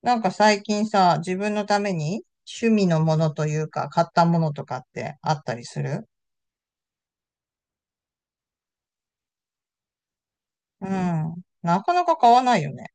なんか最近さ、自分のために趣味のものというか、買ったものとかってあったりする？うん。なかなか買わないよね。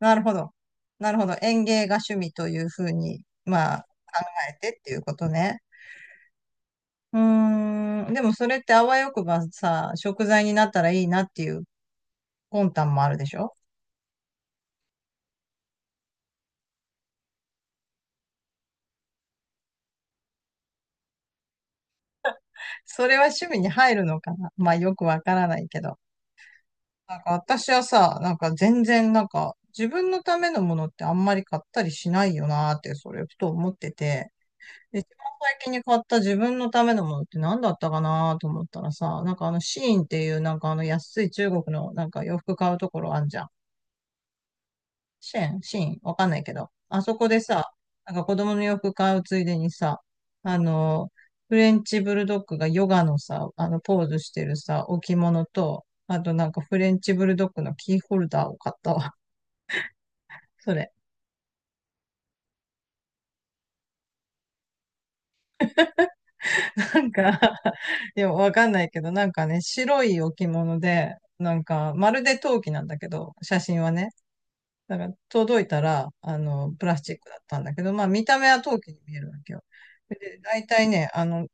なるほど。なるほど。園芸が趣味というふうに、まあ、考えてっていうことね。うーん。でもそれってあわよくばさ、食材になったらいいなっていう魂胆もあるでしょ？それは趣味に入るのかな？まあよくわからないけど。なんか私はさ、なんか全然なんか自分のためのものってあんまり買ったりしないよなーってそれふと思ってて、で、一番最近に買った自分のためのものって何だったかなーと思ったらさ、なんかあのシーインっていうなんかあの安い中国のなんか洋服買うところあんじゃん。シェン、シン、わかんないけど、あそこでさ、なんか子供の洋服買うついでにさ、あの、フレンチブルドッグがヨガのさ、ポーズしてるさ、置物と、あとなんかフレンチブルドッグのキーホルダーを買ったわ。それ。なんか いや、わかんないけど、なんかね、白い置物で、なんか、まるで陶器なんだけど、写真はね。だから、届いたら、プラスチックだったんだけど、まあ、見た目は陶器に見えるわけよ。で、大体ね、あの、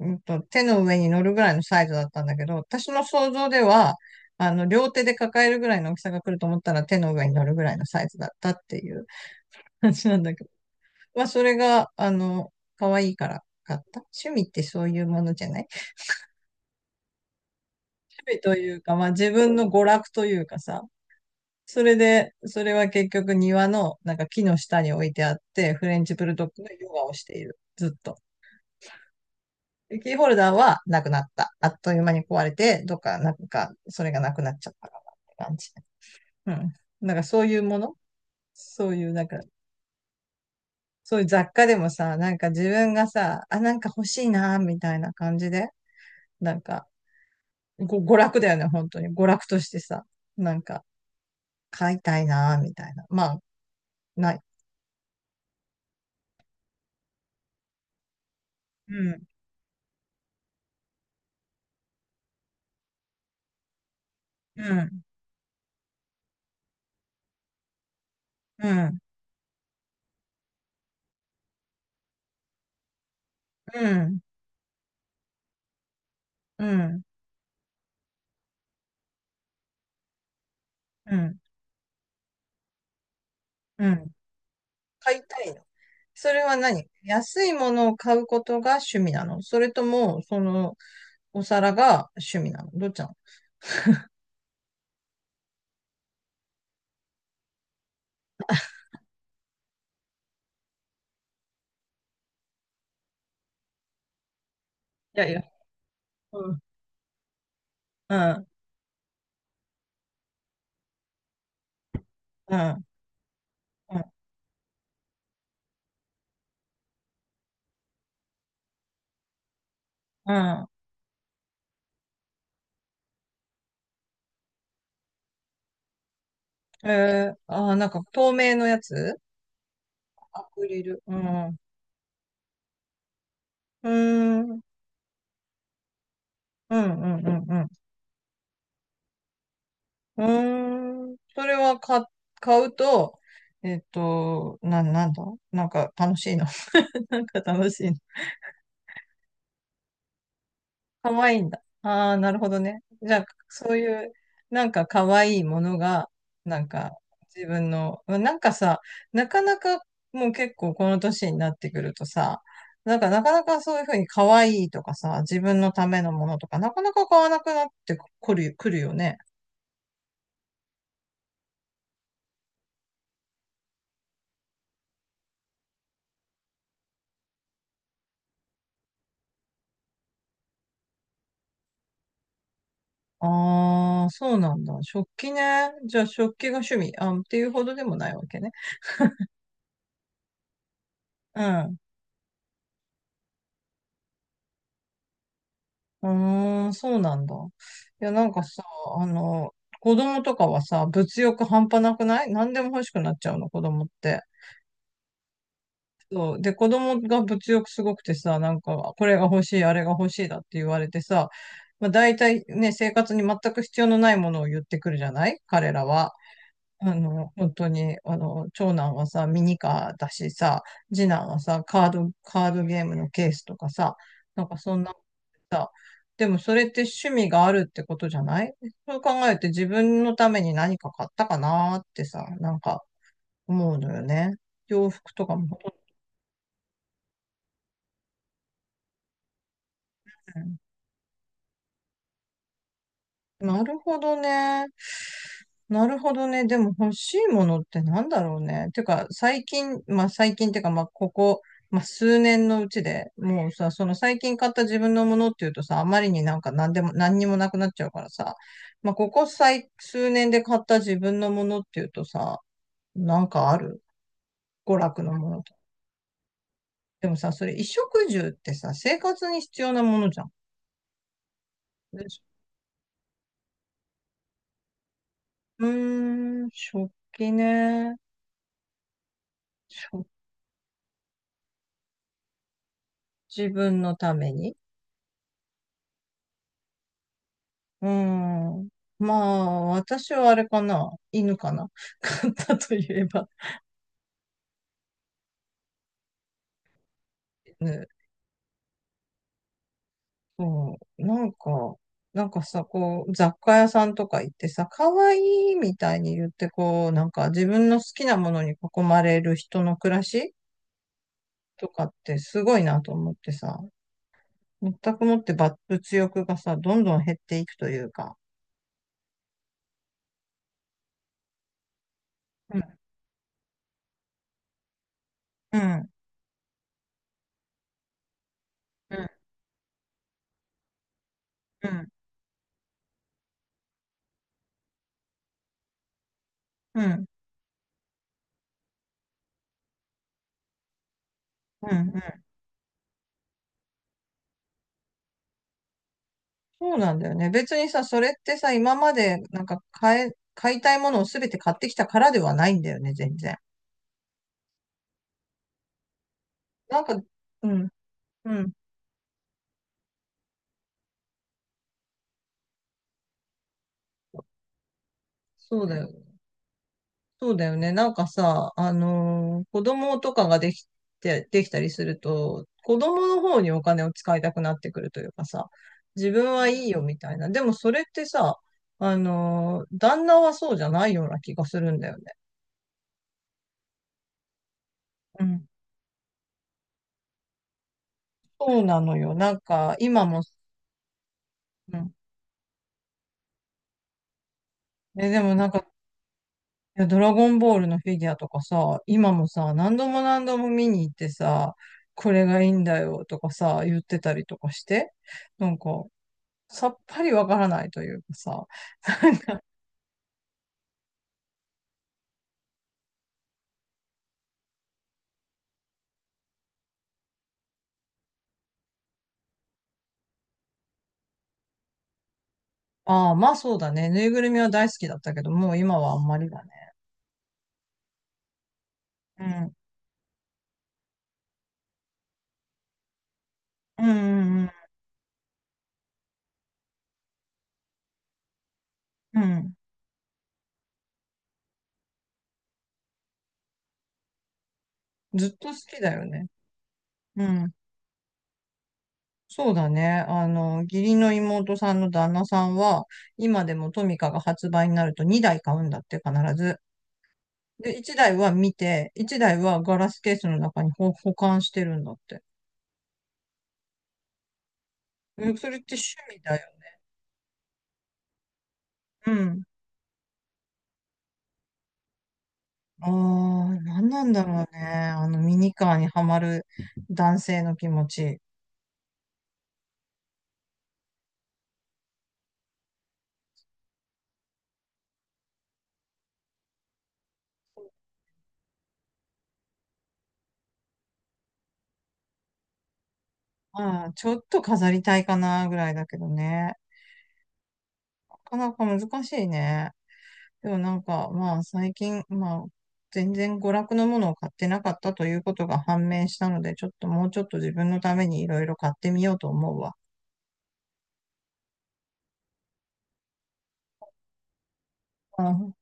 うんと、手の上に乗るぐらいのサイズだったんだけど、私の想像では、両手で抱えるぐらいの大きさが来ると思ったら手の上に乗るぐらいのサイズだったっていう 話なんだけど。まあ、それが、可愛いから買った。趣味ってそういうものじゃない？趣味というか、まあ、自分の娯楽というかさ。それで、それは結局庭のなんか木の下に置いてあって、フレンチブルドッグのヨガをしている。ずっと。キーホルダーはなくなった。あっという間に壊れて、どっか、なんか、それがなくなっちゃったかなって感じ。うん。なんかそういうものそういう、なんか、そういう雑貨でもさ、なんか自分がさ、あ、なんか欲しいな、みたいな感じで、なんか、ご娯楽だよね、本当に。娯楽としてさ、なんか、買いたいな、みたいな。まあ、ない。うん、うん、うん、うん、うん、うん、うん。買いたいの。それは何？安いものを買うことが趣味なの？それとも、その、お皿が趣味なの？どっちなの？いやいや。うん。うん。うん。うん。うん。えー、あー、なんか透明のやつ？アクリル。うん。うーん。うん。うん。うんうん。うーん。それは買うと、なんだ、なんか楽しいの？ なんか楽しいの？可愛いんだ。ああ、なるほどね。じゃあ、そういう、なんか可愛いものが、なんか自分の、まあなんかさ、なかなかもう結構この年になってくるとさ、なんかなかなかそういうふうに可愛いとかさ、自分のためのものとか、なかなか買わなくなってくるよね。ああ、そうなんだ。食器ね。じゃあ食器が趣味、あ、っていうほどでもないわけね。うん。うーん、そうなんだ。いや、なんかさ、あの、子供とかはさ、物欲半端なくない？何でも欲しくなっちゃうの、子供って。そう。で、子供が物欲すごくてさ、なんか、これが欲しい、あれが欲しいだって言われてさ、まあ、大体ね、生活に全く必要のないものを言ってくるじゃない彼らは。本当に、長男はさ、ミニカーだしさ、次男はさ、カードゲームのケースとかさ、なんかそんなさ、でもそれって趣味があるってことじゃない？そう考えて自分のために何か買ったかなーってさ、なんか思うのよね。洋服とかも。なるほどね。なるほどね。でも欲しいものってなんだろうね。てか、最近、まあ最近ってか、まあここ、まあ数年のうちで、もうさ、その最近買った自分のものっていうとさ、あまりになんか何でも、何にもなくなっちゃうからさ、まあここ数年で買った自分のものっていうとさ、なんかある？娯楽のものと。でもさ、それ衣食住ってさ、生活に必要なものじゃん。でしょ？うーん、食器ね。自分のために。うーん。まあ、私はあれかな。犬かな。飼ったといえば犬。そう。なんか、なんかさ、こう、雑貨屋さんとか行ってさ、可愛いみたいに言って、こう、なんか自分の好きなものに囲まれる人の暮らしとかってすごいなと思ってさ、全くもってば物欲がさ、どんどん減っていくというか。うん、うん、うん、うん、うん、うん、うん。そうなんだよね。別にさ、それってさ、今までなんか買いたいものをすべて買ってきたからではないんだよね、全然。なんか、うん、うん、そうだよ。そうだよね。なんかさ、子供とかができて、できたりすると、子供の方にお金を使いたくなってくるというかさ、自分はいいよみたいな。でもそれってさ、旦那はそうじゃないような気がするんだよね。うん。そうなのよ。なんか、今も、うん。え、でもなんか、いや、ドラゴンボールのフィギュアとかさ、今もさ、何度も何度も見に行ってさ、これがいいんだよとかさ、言ってたりとかして、なんか、さっぱりわからないというかさ、ああ、まあそうだね。ぬいぐるみは大好きだったけど、もう今はあんまりだね。うん。うんうんうん。うん。ずっと好きだよね。うん。そうだね。義理の妹さんの旦那さんは、今でもトミカが発売になると2台買うんだって必ず。で、一台は見て、一台はガラスケースの中に保管してるんだって。え、それって趣味だよね。うん。ああ、なんなんだろうね。あのミニカーにはまる男性の気持ち。ああ、ちょっと飾りたいかなぐらいだけどね。なかなか難しいね。でもなんか、まあ最近、まあ、全然娯楽のものを買ってなかったということが判明したので、ちょっともうちょっと自分のためにいろいろ買ってみようと思うわ。うん